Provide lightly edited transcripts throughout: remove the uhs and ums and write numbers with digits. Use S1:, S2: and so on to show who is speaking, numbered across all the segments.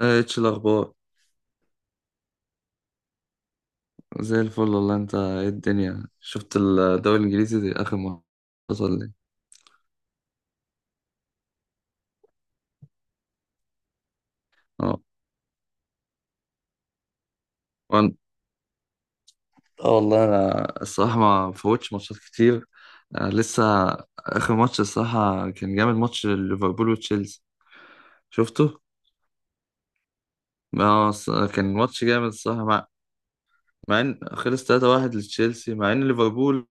S1: ايه اتش الاخبار. زي الفل والله. انت ايه الدنيا، شفت الدوري الانجليزي دي اخر ما حصل لي؟ اه. وأنا- اه والله، انا الصراحه ما فوتش ماتشات كتير. آه لسه. اخر ماتش الصراحه كان جامد، ماتش ليفربول وتشيلسي. شفته. اه. كان ماتش جامد الصراحه، مع ان خلص 3-1 لتشيلسي، مع ان ليفربول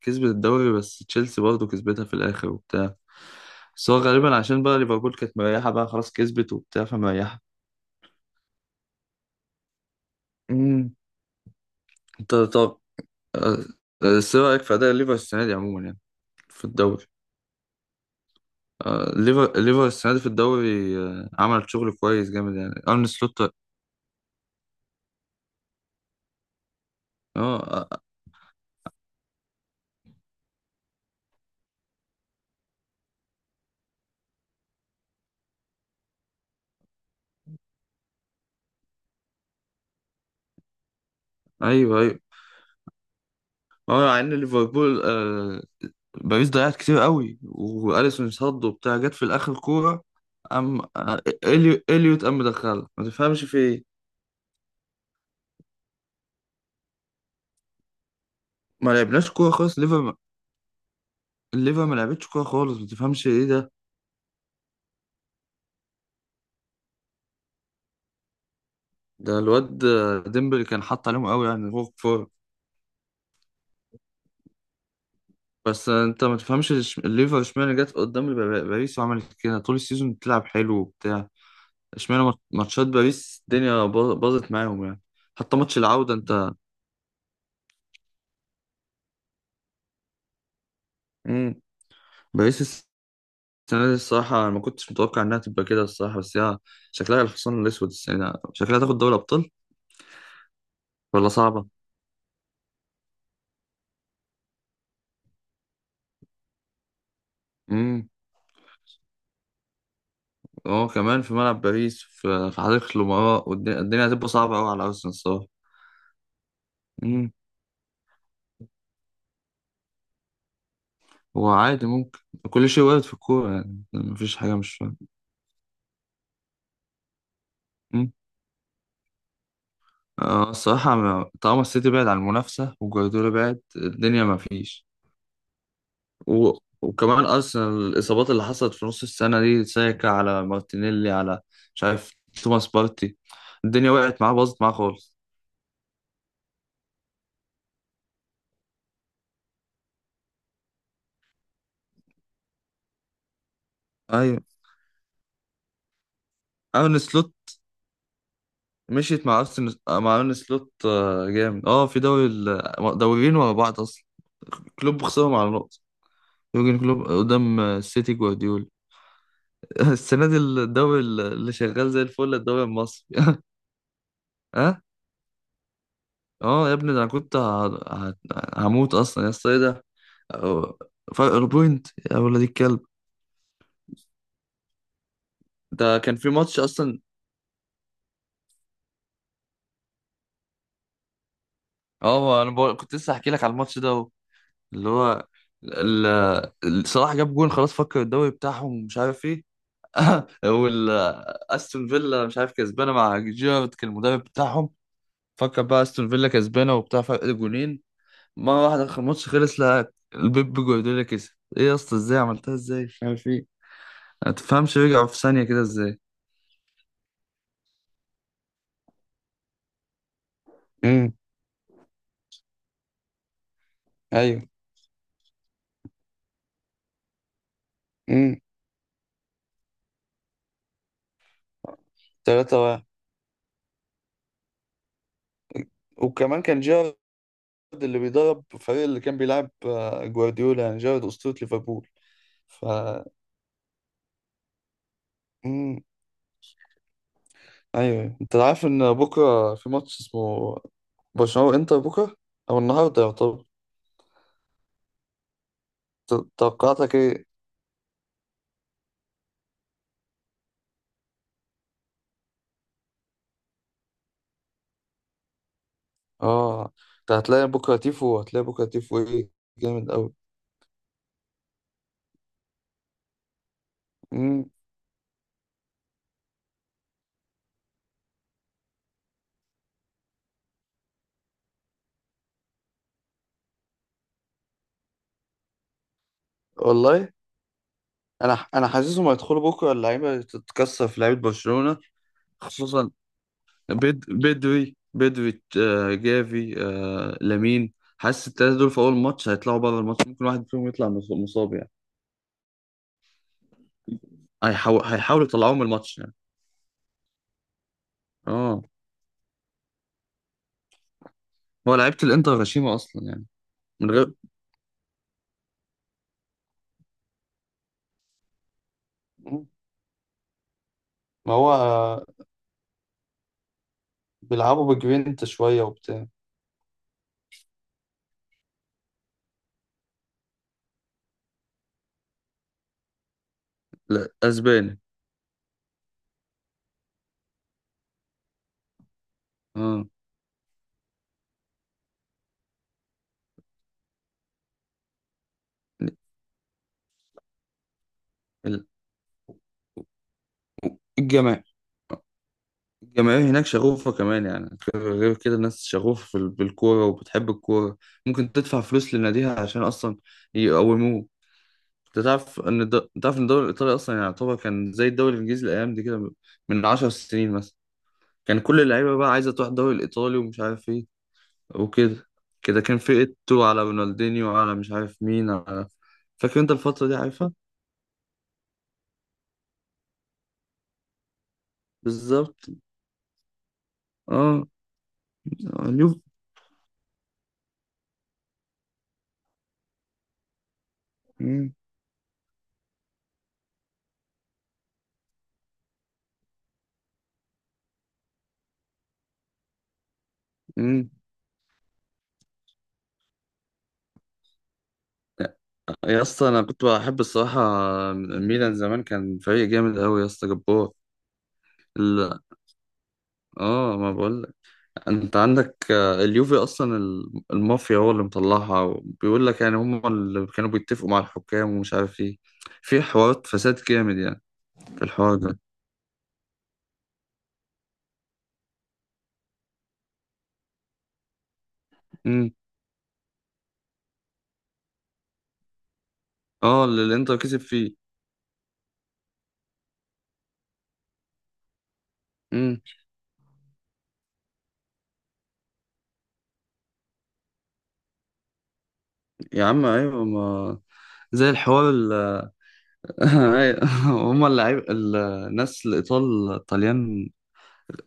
S1: كسبت الدوري، بس تشيلسي برضه كسبتها في الاخر وبتاع. بس هو غالبا عشان بقى ليفربول كانت مريحه، بقى خلاص كسبت وبتاع فمريحه. انت طب. آه، آه، ايه رأيك في أداء ليفر السنة دي عموما يعني، في الدوري؟ آه، ليفر السنة دي في الدوري، آه، عمل شغل كويس جامد يعني. أرن سلوت. اه. آه. ايوه، ايوه. اه مع ان ليفربول آه، باريس ضيعت كتير قوي، واليسون صد وبتاع، جت في الاخر كورة. ام، آه، اليوت، ام، مدخلها، ما تفهمش في ايه. ما لعبناش كورة خالص ليفر. الليفر ما لعبتش كورة خالص، ما تفهمش ايه ده. ده الواد آه، ديمبلي كان حاط عليهم قوي يعني. هو بس انت ما تفهمش، الليفر اشمعنى جت قدام باريس، وعملت كده طول السيزون بتلعب حلو وبتاع. اشمعنى ماتشات باريس الدنيا باظت معاهم يعني. حتى ماتش العودة انت. مم. باريس السنة دي الصراحة انا ما كنتش متوقع انها تبقى كده الصراحة، بس هي شكلها الحصان الاسود السنة دي، شكلها تاخد دوري ابطال، ولا صعبة. امم. اه كمان في ملعب باريس، في حديقة الامراء، والدنيا هتبقى صعبة قوي على ارسنال الصراحة. امم. هو عادي، ممكن، كل شيء وارد في الكورة يعني، مفيش حاجة مش فاهم. اه الصراحة، طالما السيتي بعد عن المنافسة، وجوارديولا بعد، الدنيا ما فيش. وكمان أرسنال، الإصابات اللي حصلت في نص السنة دي، ساكا، على مارتينيلي، على مش عارف، توماس بارتي، الدنيا وقعت معاه، باظت معاه خالص. أيوة. أرن سلوت مشيت مع أرسنال، مع أرن سلوت آه، جامد. اه في دوري، دوريين ورا بعض أصلا كلوب خسرهم على نقطة، يورجن كلوب قدام آه، السيتي جوارديولا. السنة دي الدوري اللي شغال زي الفل، الدوري المصري. ها. اه يا ابني، ده انا كنت ه- هموت اصلا، يا اسطى، ايه ده. أو- فرق بوينت، يا ولد الكلب. ده كان في ماتش اصلا. اه كنت لسه احكي لك على الماتش ده اهو. اللي هو ال... صلاح جاب جون، خلاص، فكر الدوري بتاعهم ومش عارف ايه. وال استون فيلا مش عارف كسبانه، مع جيرارد كان المدرب بتاعهم. فكر بقى استون فيلا كسبانه وبتاع، فرق جونين. مره واحده الماتش خلص، لا البيب جوارديولا كسب. ايه يا اسطى، ازاي عملتها؟ ازاي مش عارف ايه، هتفهمش، رجعوا في ثانية كده ازاي. امم. ايوه. امم. 3 واحد. وكمان كان جيرارد اللي بيدرب الفريق اللي كان بيلعب آه، جوارديولا، يعني جيرارد أسطورة ليفربول. ف امم. ايوه انت عارف ان بكره في ماتش اسمه برشلونة وانتر، بكره او النهارده يعتبر. توقعاتك ايه؟ اه انت هتلاقي بكره تيفو، هتلاقي بكره تيفو ايه جامد قوي. امم. والله انا حاسسهم هيدخلوا بكره، اللعيبه تتكسر في لعيبه برشلونه. خصوصا بدوي، بدوي آه، جافي آه، لامين. حاسس التلاتة دول في أول ماتش هيطلعوا بره الماتش، ممكن واحد فيهم يطلع مصاب يعني. هيحاولوا يطلعوه من الماتش يعني. اه. هو لعيبة الإنتر غشيمة أصلا يعني، من غير. مم. ما هو آه، بيلعبوا بجوينت شوية وبتاع. لا أسباني. اه ال- الجماهير، هناك شغوفة كمان، يعني غير غير كده، الناس شغوفة في بالكورة وبتحب الكورة، ممكن تدفع فلوس لناديها عشان أصلا يقوموه. انت تعرف ان الدوري الايطالي اصلا يعني، يعتبر كان زي الدوري الانجليزي الايام دي كده، من 10 سنين مثلا، كان كل اللعيبه بقى عايزه تروح الدوري الايطالي ومش عارف ايه وكده. كده كان في ايتو، على رونالدينيو، على مش عارف مين، على فاكر انت الفتره دي عارفها. بالظبط. اه اليوف. مم. مم. يا اسطى انا كنت بحب الصراحه ميلان زمان، كان فريق جامد قوي، يا اسطى جبار. لا. اه ما بقول. انت عندك آه، اليوفي اصلا، المافيا هو اللي مطلعها، وبيقول لك يعني هم اللي كانوا بيتفقوا مع الحكام ومش عارف ايه، في حوارات فساد جامد يعني في الحوار ده. امم. اه اللي الانتر كسب فيه. امم. يا عم ايوه، ما زي الحوار أيوة. هم اللعيب، الناس الايطال الطليان،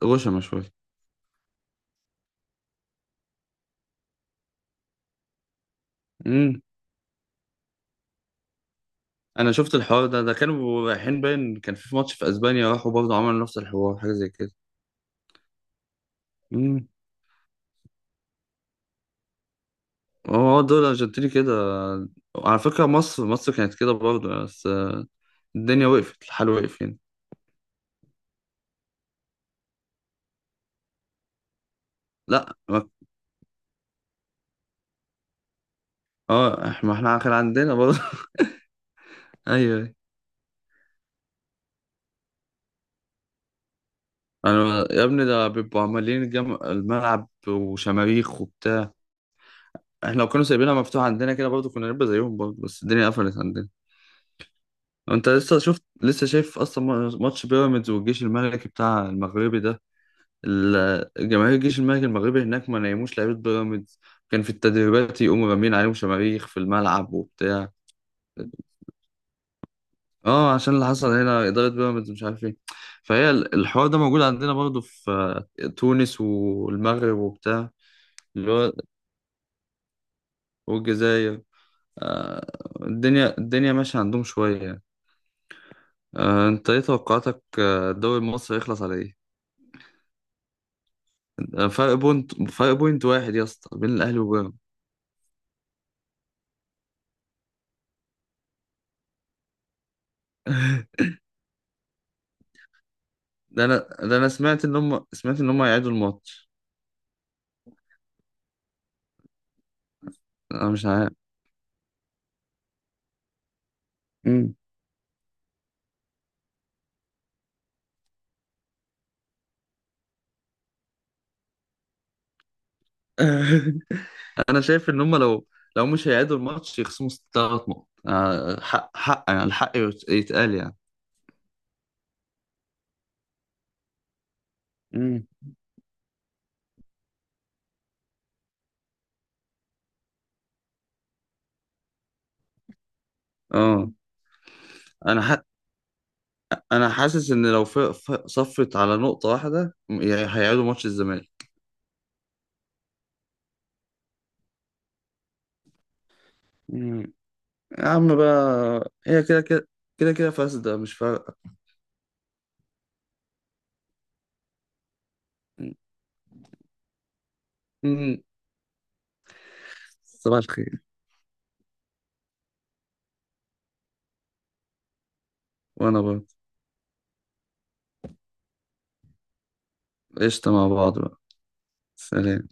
S1: غشمة شويه. امم. انا شفت الحوار ده، ده كانوا رايحين، باين كان في ماتش في اسبانيا، راحوا برضه عملوا نفس الحوار، حاجه زي كده. هو دول أرجنتيني كده. على فكرة مصر كانت كده برضه، بس آه، الدنيا وقفت، الحال وقف يعني. لا اه احنا، ما احنا كان عندنا برضه. ايوه. انا يا ابني ده بيبقوا عمالين الملعب وشماريخ وبتاع. احنا لو كانوا سايبينها مفتوحة عندنا كده برضه كنا نبقى زيهم برضه، بس الدنيا قفلت عندنا. انت لسه شفت، لسه شايف اصلا ماتش بيراميدز والجيش الملكي بتاع المغربي ده، جماهير الجيش الملكي المغربي هناك ما نيموش لعيبة بيراميدز، كان في التدريبات يقوموا رامين عليهم شماريخ في الملعب وبتاع. اه عشان اللي حصل هنا، إدارة بيراميدز مش عارف ايه. فهي الحوار ده موجود عندنا برضه في آه، تونس والمغرب وبتاع. اللي هو، والجزائر، آه، الدنيا ماشية عندهم شوية يعني. آه، انت ايه توقعاتك آه، الدوري المصري يخلص على ايه؟ آه، فرق بوينت، واحد يا اسطى بين الاهلي وبيراميدز. ده انا ده انا سمعت ان هم هيعيدوا الماتش. انا مش عارف. امم. انا شايف ان هم لو، لو مش هيعيدوا الماتش، يخصموا تلات نقط، آه، حق حق يعني، الحق يتقال يعني. امم. اه انا انا حاسس ان لو صفت على نقطة واحدة، يعني هيعيدوا ماتش الزمالك. امم. يا عم بقى، هي كده كده، كده كده فاسدة، مش فارقة. مم. صباح الخير. وانا برضه، قشطة مع بعض بقى. سلام.